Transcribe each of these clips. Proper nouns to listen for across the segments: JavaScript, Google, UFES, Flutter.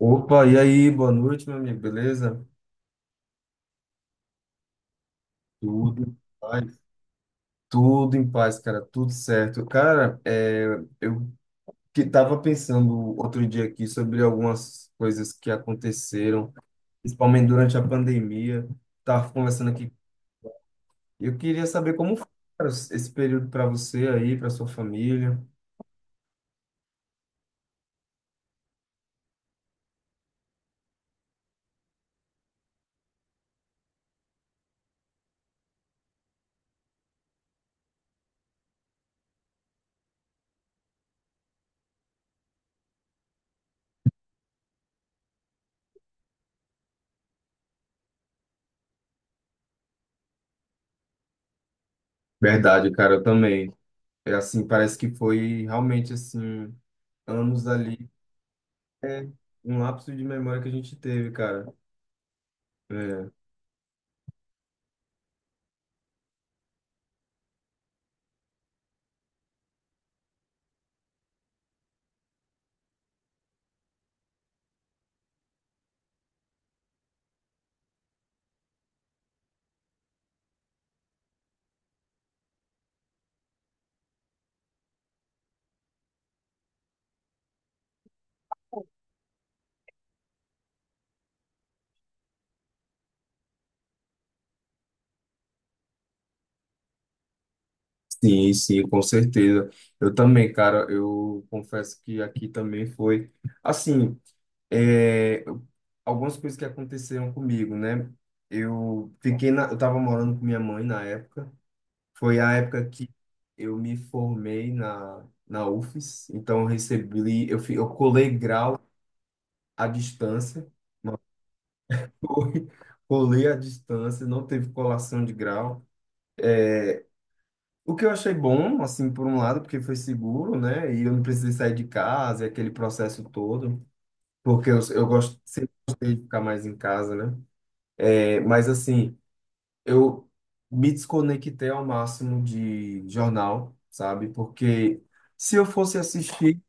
Opa, e aí, boa noite, meu amigo, beleza? Tudo em paz, tudo em paz, cara, tudo certo. Cara, eu que tava pensando outro dia aqui sobre algumas coisas que aconteceram, principalmente durante a pandemia. Tava conversando aqui, eu queria saber como foi, cara, esse período para você aí, para sua família. Verdade, cara, eu também. É assim, parece que foi realmente assim, anos ali, é um lapso de memória que a gente teve, cara. É. Sim, sim, com certeza. Eu também, cara, eu confesso que aqui também foi. Assim, é, algumas coisas que aconteceram comigo, né? Eu tava morando com minha mãe na época. Foi a época que eu me formei na UFES, então eu recebi, eu, fi- eu colei grau à distância. Foi, colei à distância, não teve colação de grau. O que eu achei bom, assim, por um lado, porque foi seguro, né? E eu não precisei sair de casa, e aquele processo todo, porque eu gosto, sempre gostei de ficar mais em casa, né? É, mas, assim, eu me desconectei ao máximo de jornal, sabe? Porque se eu fosse assistir,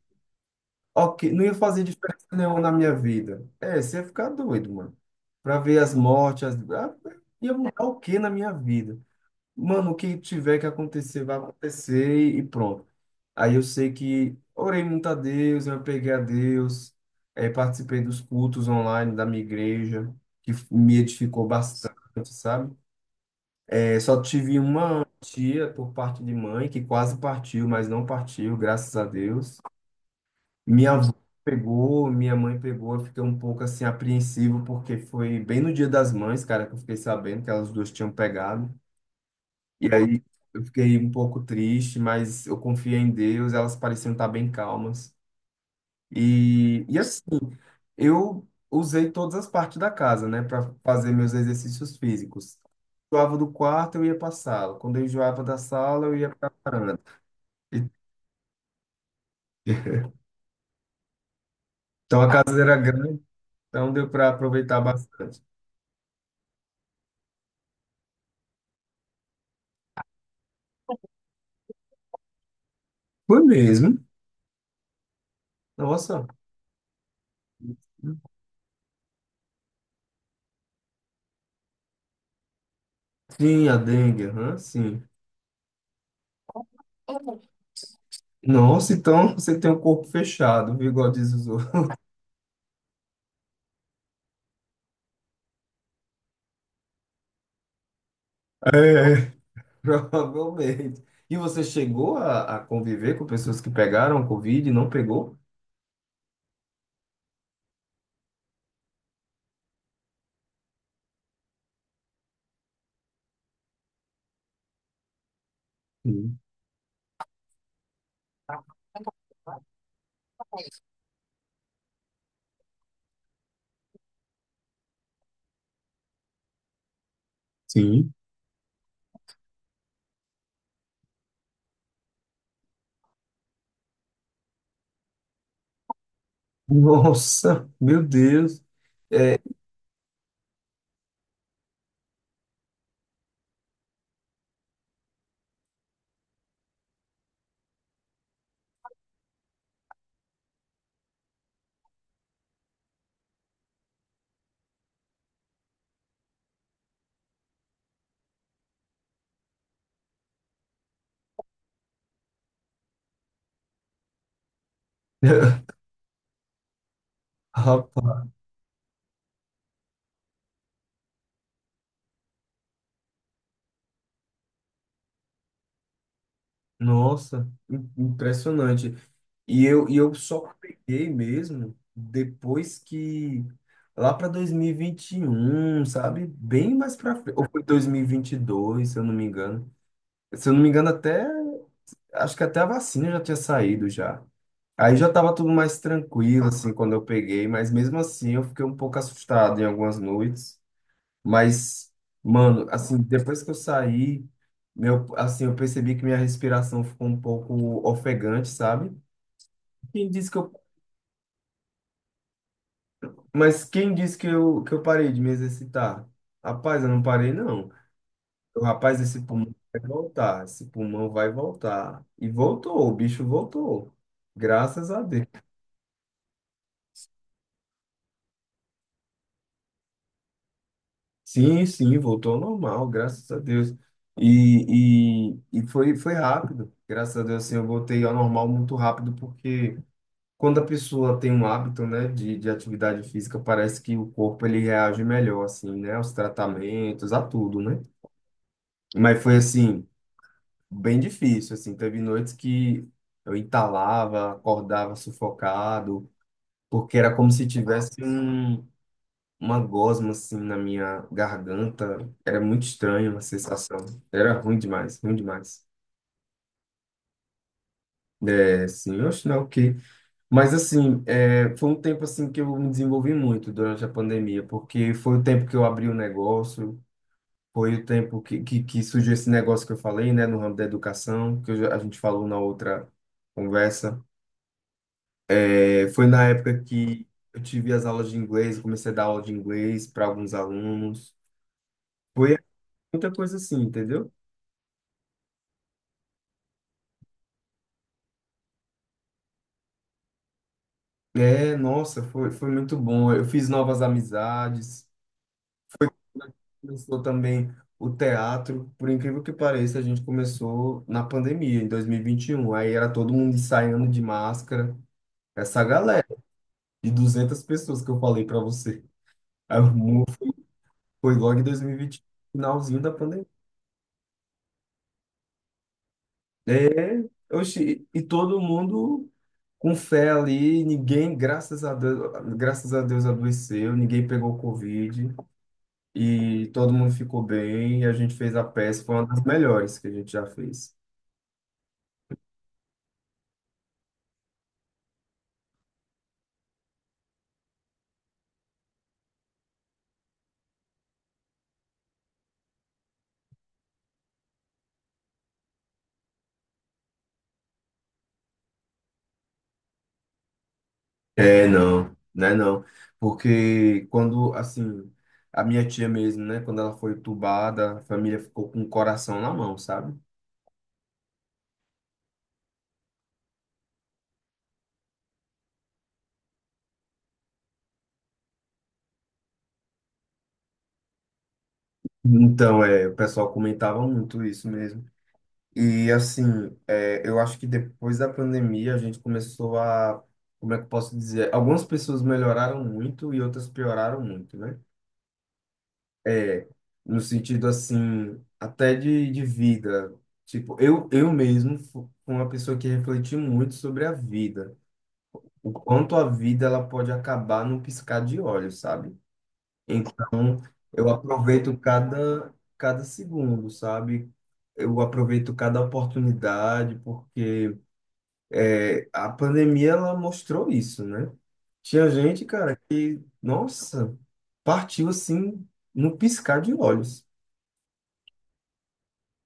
ok, não ia fazer diferença nenhuma na minha vida. É, você ia ficar doido, mano. Pra ver as mortes, as... ah, ia mudar o que na minha vida? Mano, o que tiver que acontecer, vai acontecer e pronto. Aí eu sei que orei muito a Deus, eu peguei a Deus, participei dos cultos online da minha igreja, que me edificou bastante, sabe? Só tive uma tia por parte de mãe que quase partiu, mas não partiu, graças a Deus. Minha avó pegou, minha mãe pegou, eu fiquei um pouco assim apreensivo, porque foi bem no Dia das Mães, cara, que eu fiquei sabendo que elas duas tinham pegado. E aí eu fiquei um pouco triste, mas eu confiei em Deus, elas pareciam estar bem calmas. E assim, eu usei todas as partes da casa, né, para fazer meus exercícios físicos. Enjoava do quarto, eu ia para a sala. Quando eu enjoava da sala, eu ia para a varanda. E- então a casa era grande, então deu para aproveitar bastante. Foi mesmo? Nossa. Sim, a dengue, aham, sim. Nossa, então você tem o corpo fechado, viu, igual diz os outros. É, provavelmente. E você chegou a conviver com pessoas que pegaram Covid e não pegou? Sim. Sim. Nossa, meu Deus. É, rapaz, nossa, impressionante. E eu só peguei mesmo depois que, lá para 2021, sabe? Bem mais para frente. Ou foi 2022, se eu não me engano. Se eu não me engano, até, acho que até a vacina já tinha saído já. Aí já estava tudo mais tranquilo, assim, quando eu peguei, mas mesmo assim eu fiquei um pouco assustado em algumas noites. Mas, mano, assim, depois que eu saí, meu, assim, eu percebi que minha respiração ficou um pouco ofegante, sabe? Quem disse que eu, mas quem disse que eu parei de me exercitar? Rapaz, eu não parei, não. Eu, rapaz, esse pulmão vai voltar, esse pulmão vai voltar. E voltou, o bicho voltou. Graças a Deus. Sim, sim, voltou ao normal, graças a Deus. E foi, foi rápido. Graças a Deus, assim, eu voltei ao normal muito rápido, porque quando a pessoa tem um hábito, né, de atividade física, parece que o corpo ele reage melhor, assim, né, aos tratamentos, a tudo, né? Mas foi assim, bem difícil, assim, teve noites que eu entalava, acordava sufocado, porque era como se tivesse um, uma gosma, assim, na minha garganta, era muito estranho a sensação, era ruim demais, ruim demais. É, sim, eu acho não, mas assim, é, foi um tempo assim que eu me desenvolvi muito durante a pandemia, porque foi o tempo que eu abri o negócio, foi o tempo que surgiu esse negócio que eu falei, né, no ramo da educação, que eu já- a gente falou na outra conversa. É, foi na época que eu tive as aulas de inglês, comecei a dar aula de inglês para alguns alunos. Foi muita coisa assim, entendeu? É, nossa, foi, foi muito bom. Eu fiz novas amizades. Começou também o teatro, por incrível que pareça, a gente começou na pandemia, em 2021. Aí era todo mundo ensaiando de máscara, essa galera de 200 pessoas que eu falei para você. Aí o mu- Foi logo em 2020, finalzinho da pandemia. É, oxi, e todo mundo com fé ali, ninguém, graças a Deus adoeceu, ninguém pegou Covid e todo mundo ficou bem. E a gente fez a peça, foi uma das melhores que a gente já fez. É, não, né, não. Porque quando, assim, a minha tia mesmo, né, quando ela foi entubada, a família ficou com o coração na mão, sabe? Então, é, o pessoal comentava muito isso mesmo. E, assim, é, eu acho que depois da pandemia a gente começou a, como é que eu posso dizer? Algumas pessoas melhoraram muito e outras pioraram muito, né? É, no sentido, assim, até de vida. Tipo, eu mesmo fui uma pessoa que refleti muito sobre a vida. O quanto a vida ela pode acabar num piscar de olhos, sabe? Então, eu aproveito cada segundo, sabe? Eu aproveito cada oportunidade, porque é, a pandemia ela mostrou isso, né? Tinha gente, cara, que, nossa, partiu assim, no piscar de olhos.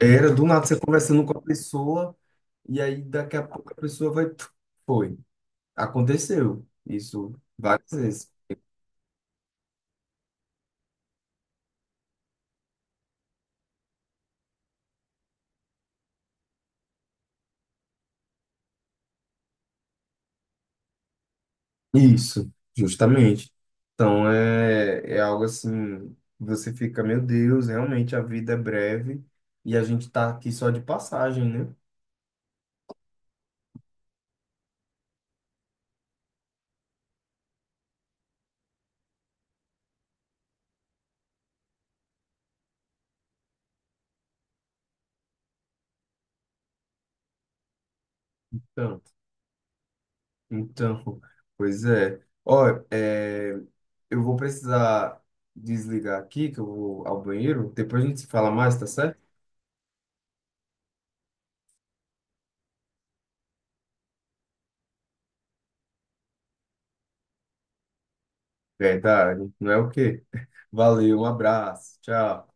Era do nada você conversando com a pessoa, e aí daqui a pouco a pessoa vai. Foi. Aconteceu isso várias vezes. Isso, justamente. Então é, é algo assim, você fica, meu Deus, realmente a vida é breve e a gente tá aqui só de passagem, né? Então, então, pois é. Ó, é, eu vou precisar desligar aqui, que eu vou ao banheiro. Depois a gente se fala mais, tá certo? Verdade, não é o quê? Valeu, um abraço, tchau.